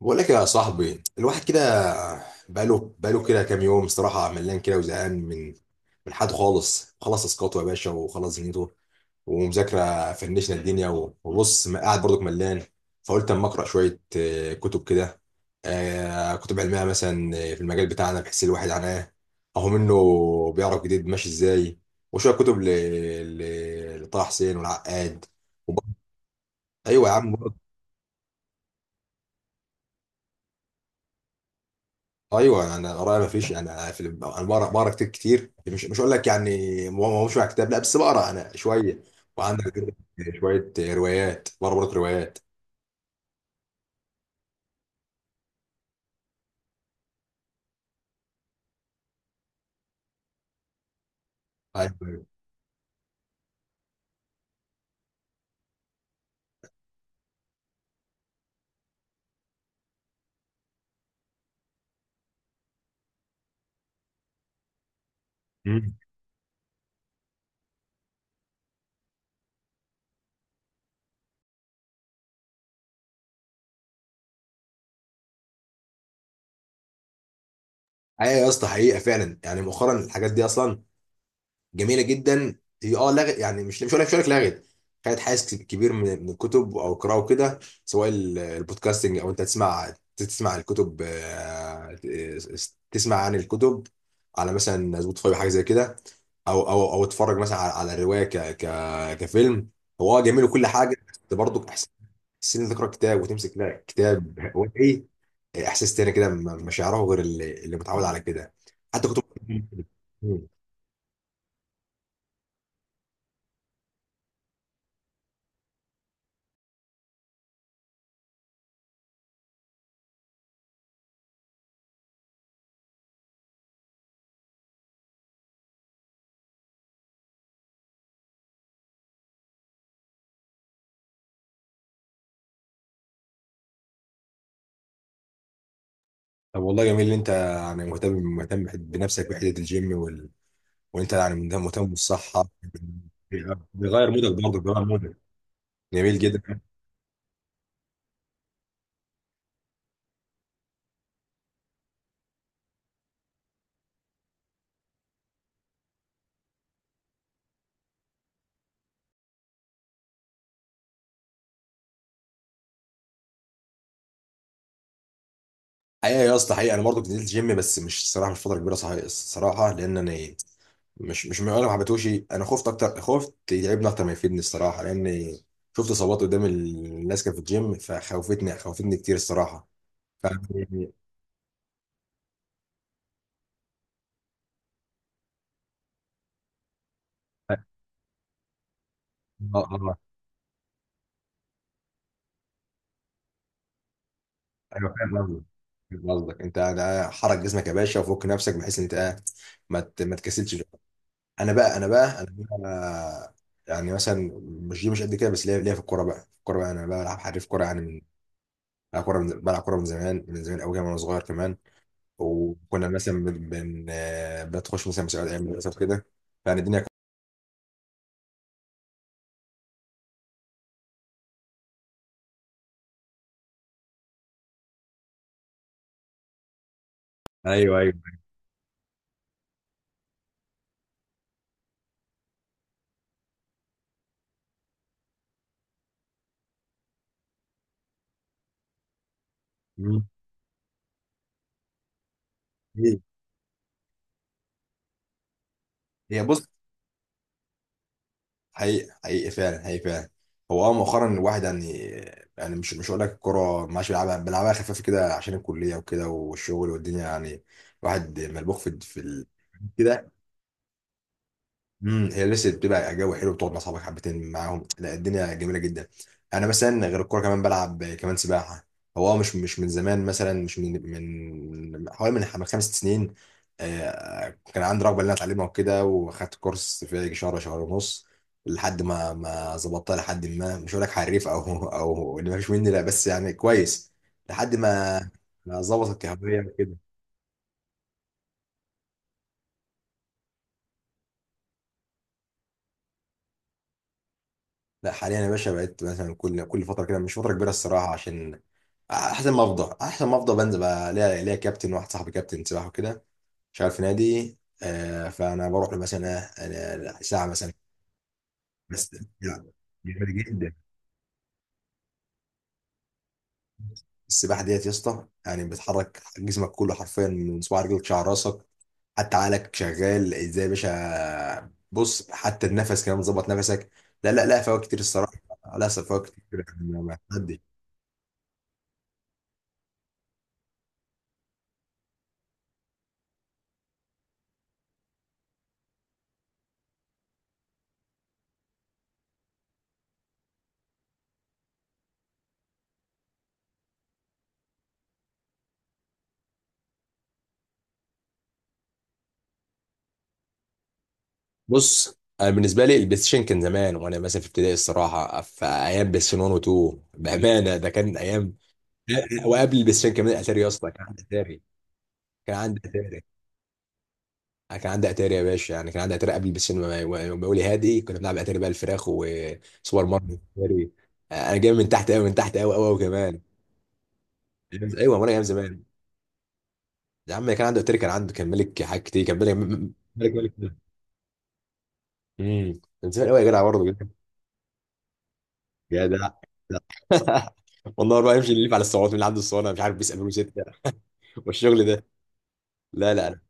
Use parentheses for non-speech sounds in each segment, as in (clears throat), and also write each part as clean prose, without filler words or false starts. بقول لك يا صاحبي الواحد كده بقاله كده كام يوم صراحة، ملان كده وزهقان من حد خالص. خلص اسقاطه يا باشا وخلص دنيته ومذاكرة، فنشنا الدنيا و- وبص، ما قاعد برضك ملان. فقلت اما اقرا شوية، كتب كده، كتب علمية مثلا، في المجال بتاعنا، بحيث الواحد عناه اهو منه بيعرف جديد ماشي ازاي. وشوية كتب لطه حسين والعقاد. وبرضه- ايوه يا عم. ايوه، انا قرايه ما فيش يعني، انا بقرا كتير كتير، مش اقول لك يعني مش مع كتاب، لا بس بقرا انا شويه. وعندك شويه روايات بقرا برضه، روايات. ايوه ايوه. أمم. أيوة يا اسطى، حقيقه فعلا. يعني مؤخرا الحاجات دي اصلا جميله جدا، هي لغت يعني، مش هقول لك لغت، خدت حيز كبير من الكتب او القراءه وكده. سواء البودكاستنج او انت تسمع الكتب، تسمع عن الكتب على مثلا سبوتيفاي، حاجه زي كده، او اتفرج مثلا على الروايه ك ك كفيلم. هو جميل وكل حاجه، بس برضه احساس ان انت تقرا كتاب وتمسك، لا كتاب هو ايه، احساس تاني كده مش هيعرفه غير اللي متعود على كده، حتى كتب. طب والله جميل ان انت يعني مهتم مهتم بنفسك بحته، الجيم وال... وانت يعني مهتم بالصحه. بيغير مودك برضه بيغير مودك، جميل جدا. حقيقه يا اسطى، حقيقه انا برضه كنت نزلت جيم، بس مش صراحه مش فتره كبيره، صحيح الصراحه، لان انا مش من، انا ما حبيتهوش، انا خفت اكتر، خفت يتعبني اكتر ما يفيدني الصراحه، لان شفت اصابات قدام الناس كانت في الجيم، فخوفتني خوفتني كتير الصراحه. ف... اه. آه. ايوه فاهم قصدك انت ده، حرك جسمك يا باشا وفك نفسك، بحيث ان انت ما تكسلش بقى. انا بقى يعني مثلا، مش دي مش قد كده، بس ليا في الكوره بقى انا بلعب حريف كوره يعني، من بلعب كوره من زمان، من زمان قوي كمان، وانا صغير كمان. وكنا مثلا بتخش مثلا مسابقات ايام المدرسه وكده، يعني الدنيا كانت- ايوه ايوه. مم. هي هي بص، حقيقي حقيقي فعلا، حقيقي فعلا. هو مؤخرا الواحد يعني، يعني مش هقول لك الكوره ما عادش بيلعبها خفيف كده، عشان الكليه وكده والشغل والدنيا يعني، الواحد ملبوخ في ال... كده. امم، هي لسه بتبقى جو حلو، بتقعد مع اصحابك حبتين معاهم، لا الدنيا جميله جدا. انا مثلا غير الكوره كمان، بلعب كمان سباحه. هو مش من زمان مثلا، مش من حوالي خمس ست سنين، كان عندي رغبه ان انا اتعلمها وكده، واخدت كورس في يجي شهر، شهر ونص لحد ما ما ظبطتها، لحد ما، مش هقول لك حريف او او ان ما فيش مني، لا بس يعني كويس لحد ما ما ظبطت الكهربية وكده. لا حاليا يا باشا بقيت مثلا كل فتره كده، مش فتره كبيره الصراحه، عشان احسن ما افضى بنزل بقى. ليا كابتن، واحد صاحبي كابتن سباحه وكده، شغال في نادي، فانا بروح له مثلا ساعه مثلا. بس، لا جامد جدا. السباحه ديت يا اسطى يعني بتحرك جسمك كله حرفيا، من صباع رجلك شعر راسك، حتى عقلك شغال ازاي يا باشا بص، حتى النفس كمان ظبط نفسك. لا لا لا، فوائد كتير الصراحه. لا فوائد كتير. يعني بص. انا بالنسبه لي البلاي ستيشن كان زمان، وانا مثلا في ابتدائي الصراحه، في ايام بلاي ستيشن 1 و2 بامانه، ده كان ايام. وقبل البلاي ستيشن كمان اتاري يا اسطى، كان عندي اتاري، كان عندي اتاري. أنا كان عندي اتاري يا باشا، يعني كان عندي اتاري قبل البلاي ستيشن، ما يقول لي هادي. كنا بنلعب اتاري بقى، الفراخ وسوبر ماريو اتاري. انا جاي من تحت قوي، من تحت قوي قوي قوي كمان. ايوه، وانا ايام زمان. يا عم كان عنده اتاري، كان عنده، كان ملك حاجات كتير، كان ملك، ملك ملك. امم، كان زمان قوي يا جدع، برضه يا جدع. يا جدع. (laughs) والله بقى يمشي يلف على الصعود، من اللي عنده الصالة، مش عارف بيسأل ستة والشغل ده. لا لا لا.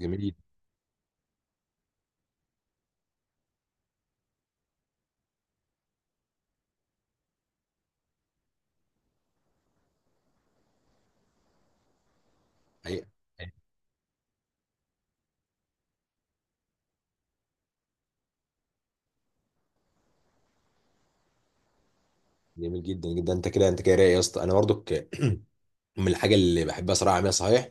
جميل حقيقة، جميل جدا جدا. انت كده، انت كده رايق يا اسطى. انا برضك (clears throat) من الحاجه اللي بحبها صراحه اعملها، صحيح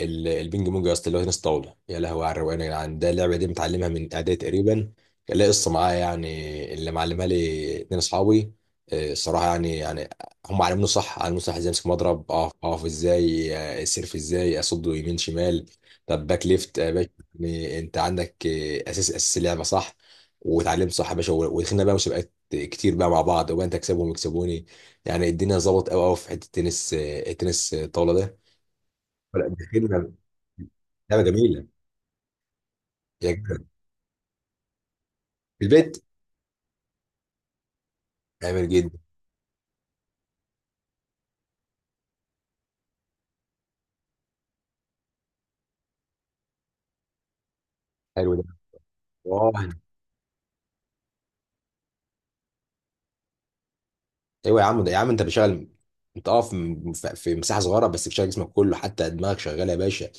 البينج بونج يا اسطى، اللي هو تنس طاوله، يا لهوي على الروقان يا جدعان. ده اللعبه دي متعلمها من اعدادي تقريبا. كان ليا قصه معايا يعني، اللي معلمها لي اتنين اصحابي. الصراحه يعني هم علموني صح، علموني صح ازاي امسك مضرب، اقف اقف ازاي، سيرف ازاي، اصده يمين شمال، طب باك ليفت، باك. يعني انت عندك اساس، اساس اللعبه صح، واتعلمت صح يا باشا، و- ودخلنا بقى مسابقات كتير بقى مع بعض، وانت تكسبهم ويكسبوني. يعني الدنيا ظبطت قوي قوي في حته التنس، التنس الطاوله ده. لا دخلنا، لعبه جميله. يا جدع، في البيت، جميل جدا. حلو ده. اه. ايوه يا عم، ده يا عم انت بتشتغل انت، في مساحه صغيره، بس بتشغل جسمك كله، حتى دماغك شغاله يا باشا.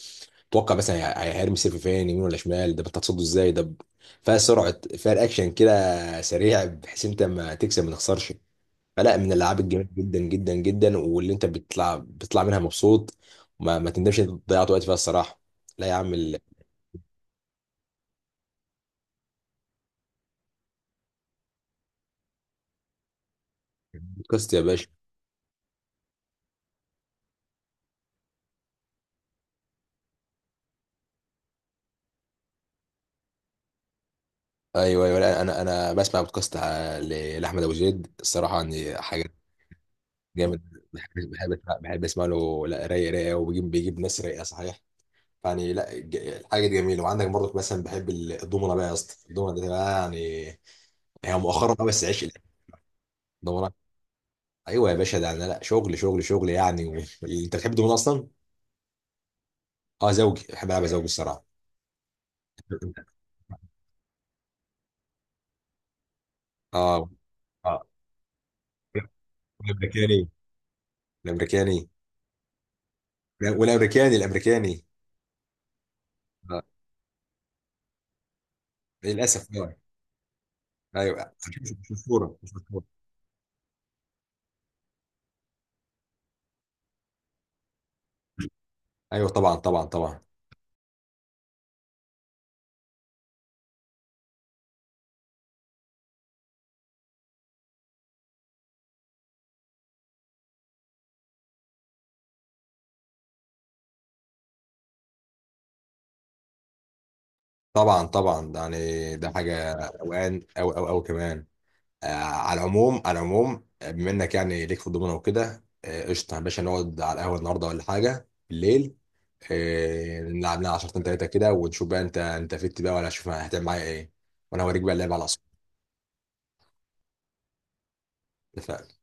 توقع مثلا هيرمي السيف فين، يمين ولا شمال، ده انت هتصده ازاي، فيها سرعه، فيها الاكشن كده، سريع، بحيث انت ما تكسب ما تخسرش. فلا، من الالعاب الجميله جدا جدا جدا، واللي انت بتطلع منها مبسوط، ما تندمش إن انت ضيعت وقت فيها الصراحه. لا يا عم. البودكاست يا باشا. ايوه ايوه، لا، انا بسمع بودكاست لاحمد ابو زيد الصراحه، يعني حاجه جامد. بحب اسمع له، لا رايق رايق، وبيجيب ناس رايقه صحيح. يعني لا الحاجه دي جميله. وعندك برضك مثلا بحب الضمنه بقى يا اسطى، الضمنه دي بقى يعني، هي مؤخرا قوي بس، عيش. الضمنه، ايوه يا باشا، ده انا لا شغل شغل شغل يعني و... انت بتحب الضمنه اصلا؟ اه زوجي، بحب العب زوجي الصراحه. اه اه، الامريكاني الامريكاني. والامريكاني الامريكاني. آه. للاسف آه. ايوه، مش مشهوره. ايوه طبعا طبعا طبعا، طبعا طبعا. ده يعني ده حاجه اوان او كمان. آه على العموم، على العموم، بما انك يعني ليك في الضمنه وكده، قشطه يا باشا، نقعد على القهوه النهارده ولا حاجه بالليل، آه نلعب لنا 10 تلاته كده، ونشوف بقى انت فت بقى، ولا شوف هتعمل معايا ايه، وانا هوريك بقى اللعب على الاصل. اتفقنا.